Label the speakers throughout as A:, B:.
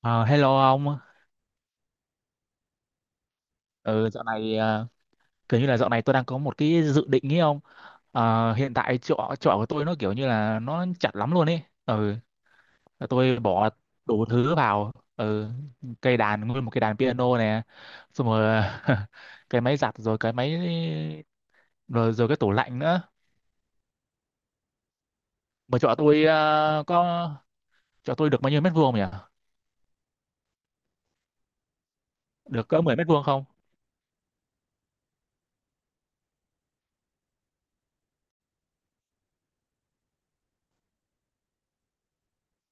A: Ờ, Hello ông. Ừ, dạo này kiểu như là dạo này tôi đang có một cái dự định ý ông. Hiện tại chỗ chỗ của tôi nó kiểu như là nó chặt lắm luôn ấy. Ừ, tôi bỏ đủ thứ vào. Ừ, cây đàn nguyên một cây đàn piano nè. Xong rồi cái máy giặt rồi cái máy rồi rồi cái tủ lạnh nữa. Mà chỗ tôi có chỗ tôi được bao nhiêu mét vuông nhỉ? Được cỡ 10 mét vuông không?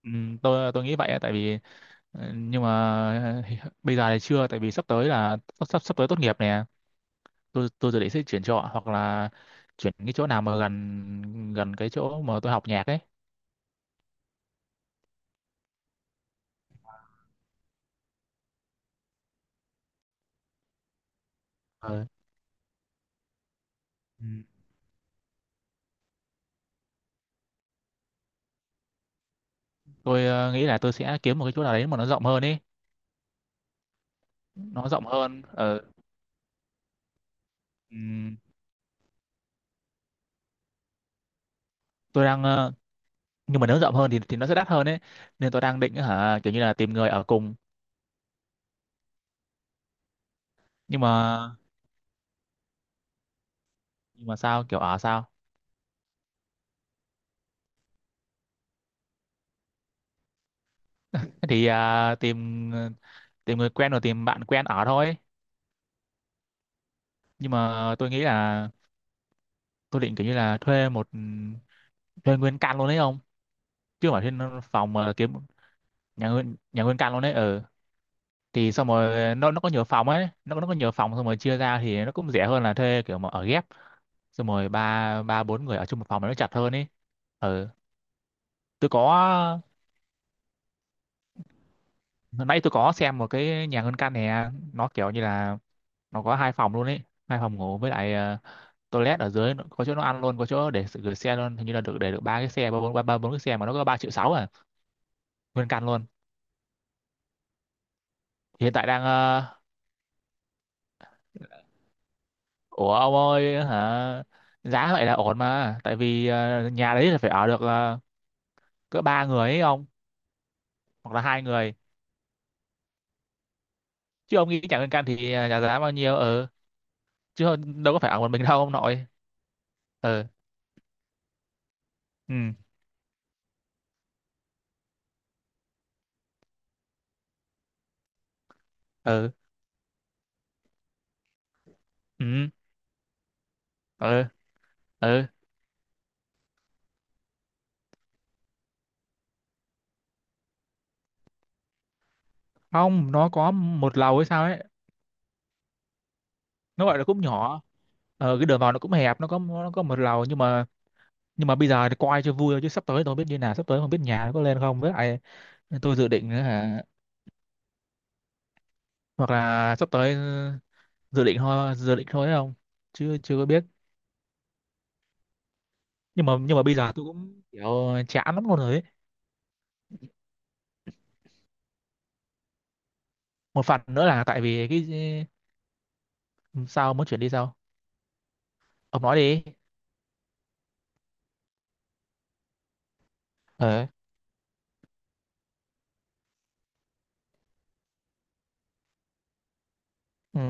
A: Ừ, tôi nghĩ vậy á, tại vì nhưng mà bây giờ thì chưa tại vì sắp tới là sắp sắp, sắp tới tốt nghiệp nè tôi dự định sẽ chuyển trọ hoặc là chuyển cái chỗ nào mà gần gần cái chỗ mà tôi học nhạc ấy. Ờ. Ừ, tôi nghĩ là tôi sẽ kiếm một cái chỗ nào đấy mà nó rộng hơn ấy, nó rộng hơn ừm, tôi đang nhưng mà nếu rộng hơn thì nó sẽ đắt hơn ấy nên tôi đang định hả kiểu như là tìm người ở cùng. Nhưng mà nhưng mà sao kiểu ở sao thế thì à, tìm tìm người quen rồi tìm bạn quen ở thôi. Nhưng mà tôi nghĩ là tôi định kiểu như là thuê một ừ, thuê nguyên căn luôn đấy không, chứ không phải thuê phòng mà là kiếm nhà nguyên căn luôn đấy. Ừ thì xong rồi nó có nhiều phòng ấy nó có nhiều phòng xong rồi chia ra thì nó cũng rẻ hơn là thuê kiểu mà ở ghép. Xong rồi ba ba bốn người ở chung một phòng mà nó chặt hơn ấy. Ừ tôi có hồi nãy tôi có xem một cái nhà nguyên căn này nó kiểu như là nó có hai phòng luôn ấy, hai phòng ngủ với lại toilet ở dưới nó- có chỗ nó ăn luôn có chỗ để sự- gửi xe luôn hình như là được để được ba cái xe ba bốn cái xe mà nó có ba triệu sáu à, nguyên căn luôn. Hiện tại đang ủa ông ơi hả, giá vậy là ổn mà tại vì nhà đấy là phải ở được cỡ ba người ấy ông, hoặc là hai người, chứ ông nghĩ chẳng liên can thì nhà giá bao nhiêu ừ, chứ không- đâu có phải ở một mình đâu ông nội. Ừ ừ ừ ừ ừ ừ không nó có một lầu hay sao ấy, nó gọi là cũng nhỏ. Ờ cái đường vào nó cũng hẹp nó có một lầu, nhưng mà bây giờ thì coi cho vui thôi chứ sắp tới tôi không biết như nào, sắp tới không biết nhà nó có lên không, với lại tôi dự định nữa hả, hoặc là sắp tới, dự định thôi, dự định thôi đấy không, chứ chưa có biết. Nhưng mà bây giờ tôi cũng kiểu chán lắm luôn rồi ấy. Một phần nữa là tại vì cái sao muốn chuyển đi sao ông nói đi ờ ừ.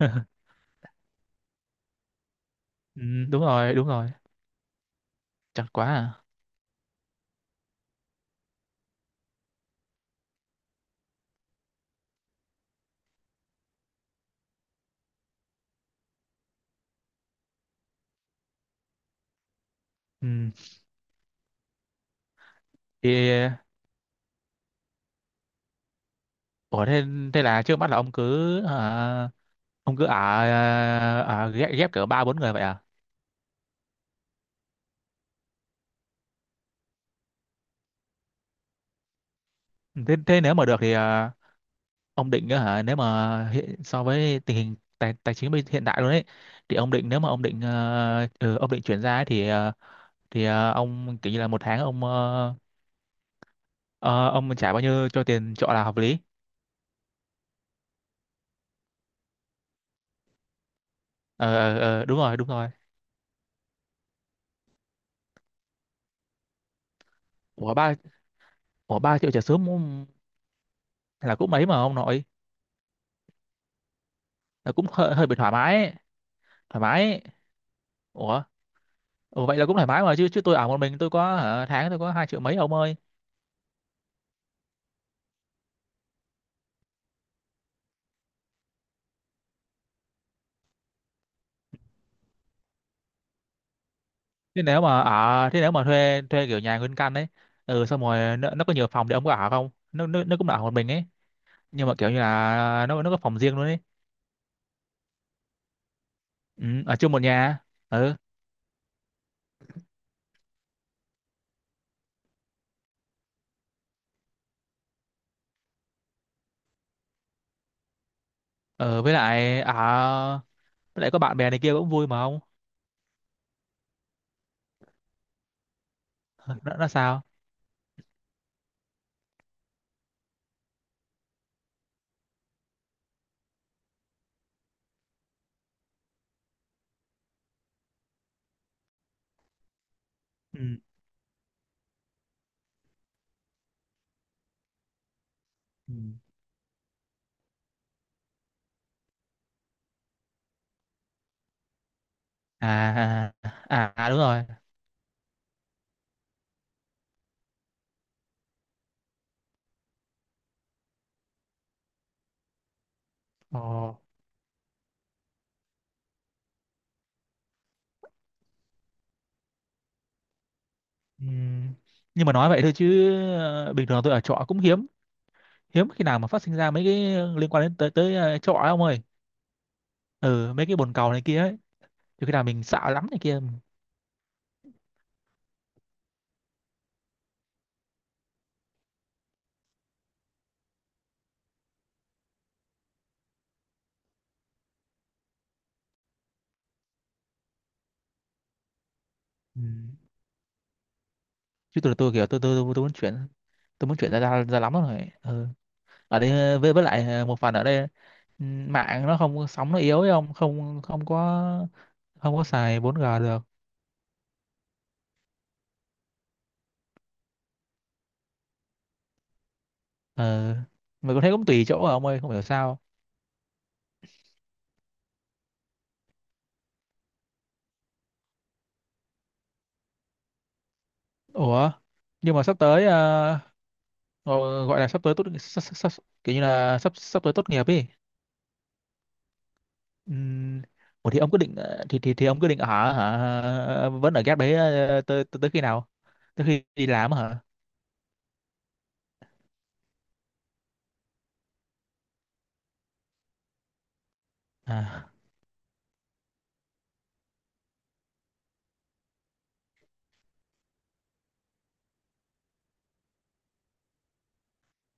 A: Ừ, đúng rồi đúng rồi, chật quá à. Ừ, thì ủa thế, thế là trước mắt là ông cứ à, ông cứ ở à, ở ghép ghép cỡ ba bốn người vậy à. Thế thế nếu mà được thì à, ông định á hả, nếu mà hiện, so với tình hình tài, tài chính bây- hiện tại luôn ấy, thì ông định nếu mà ông định ừ, ông định chuyển ra ấy, thì thì ông kiểu như là một tháng ông ờ, ông trả bao nhiêu cho tiền trọ là hợp lý. Ờ, đúng rồi đúng rồi. Của ba của ba triệu trả sớm cũng- là cũng mấy mà ông nội, là cũng hơi, hơi bị thoải mái ấy. Thoải mái ấy. Ủa, ủa, vậy là cũng thoải mái mà, chứ chứ tôi ở một mình tôi có hả, tháng tôi có hai triệu mấy ông ơi. Thế nếu mà ở thế nếu mà thuê thuê kiểu nhà nguyên căn ấy, ừ xong rồi nó có nhiều phòng thì ông có ở không, nó nó cũng ở một mình ấy, nhưng mà kiểu như là nó có phòng riêng luôn ấy. Ừ, ở chung một nhà. Ừ, ừ với lại ở với lại có bạn bè này kia cũng vui mà ông, nó sao. Ừ. Ừ. À à à, đúng rồi. Ồ. Ừ. Nhưng mà nói vậy thôi chứ bình thường tôi ở trọ cũng hiếm, hiếm khi nào mà phát sinh ra mấy cái liên quan đến tới tới trọ ấy ông ơi. Ừ mấy cái bồn cầu này kia ấy thì khi nào mình sợ lắm này kia. Ừ. Chứ tôi kiểu tôi muốn chuyển, tôi muốn chuyển ra ra, ra lắm rồi. Ừ. Ở đây với lại một phần ở đây ừ, mạng nó không sóng nó yếu ấy không không không có, không có xài 4G được. Ừ. Mà có thấy cũng tùy chỗ à ông ơi không hiểu sao. Ủa nhưng mà sắp tới ờ, gọi là sắp tới tốt sắp, sắp, sắp, kiểu như là sắp sắp tới tốt nghiệp ấy. Ừ. Ủa thì ông quyết định thì thì ông quyết định ở hả, vẫn ở ghép đấy tới tới tới khi nào? Tới khi đi làm hả? À.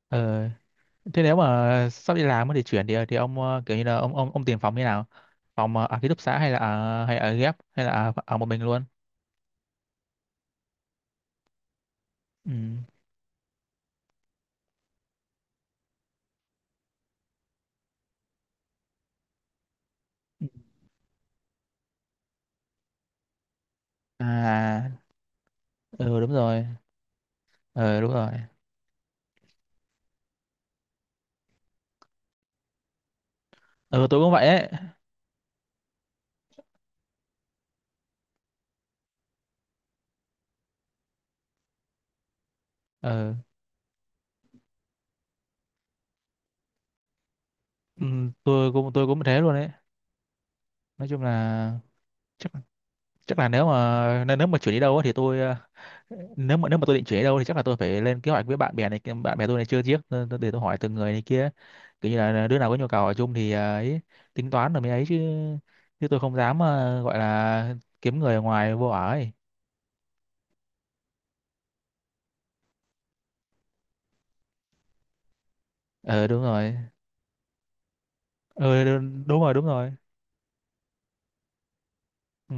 A: Ừ. Thế nếu mà sắp đi làm ấy thì chuyển thì ông kiểu như là ông tìm phòng như nào? Phòng ở ký túc xá hay là ở hay ở ghép hay là ở, ở một mình luôn? Ừ. À, ừ đúng rồi. Ừ đúng rồi. Ừ tôi cũng vậy ấy. Ừ, ừ tôi cũng thế luôn ấy. Nói chung là chắc là nếu mà nếu nếu mà chuyển đi đâu á thì tôi nếu mà tôi định chuyển đi đâu thì chắc là tôi phải lên kế hoạch với bạn bè này kia- bạn bè tôi này chưa chiếc, để tôi hỏi từng người này kia kiểu như là đứa nào có nhu cầu ở chung thì ấy, tính toán rồi mới ấy chứ, chứ tôi không dám gọi là kiếm người ở ngoài vô ở ấy. Ờ đúng rồi. Ờ đúng đúng rồi đúng rồi. Ừ.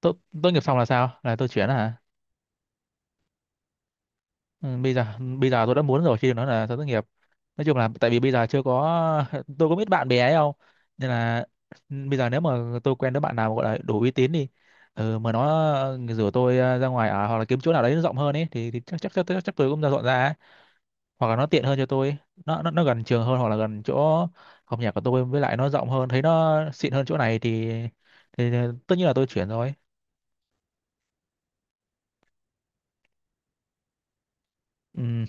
A: Tốt, tốt nghiệp xong là sao là tôi chuyển hả. Ừ, bây giờ tôi đã muốn rồi khi nó là thất nghiệp, nói chung là tại vì bây giờ chưa có tôi có biết bạn bè ấy không nên là ừ, bây giờ nếu mà tôi quen đứa bạn nào gọi là đủ uy tín đi ừ, mà nó rủ tôi ra ngoài ở hoặc là kiếm chỗ nào đấy nó rộng hơn ấy thì chắc, chắc tôi cũng ra dọn ra ấy. Hoặc là nó tiện hơn cho tôi, nó gần trường hơn hoặc là gần chỗ học nhạc của tôi với lại nó rộng hơn thấy nó xịn hơn chỗ này thì tất nhiên là tôi chuyển rồi. Ừ,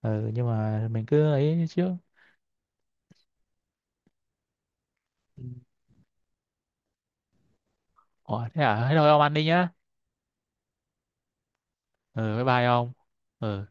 A: ừ nhưng mà mình cứ ấy trước. Ừ. Ủa, thế à? Thế thôi ông ăn đi nhá. Ừ bye bye ông. Ừ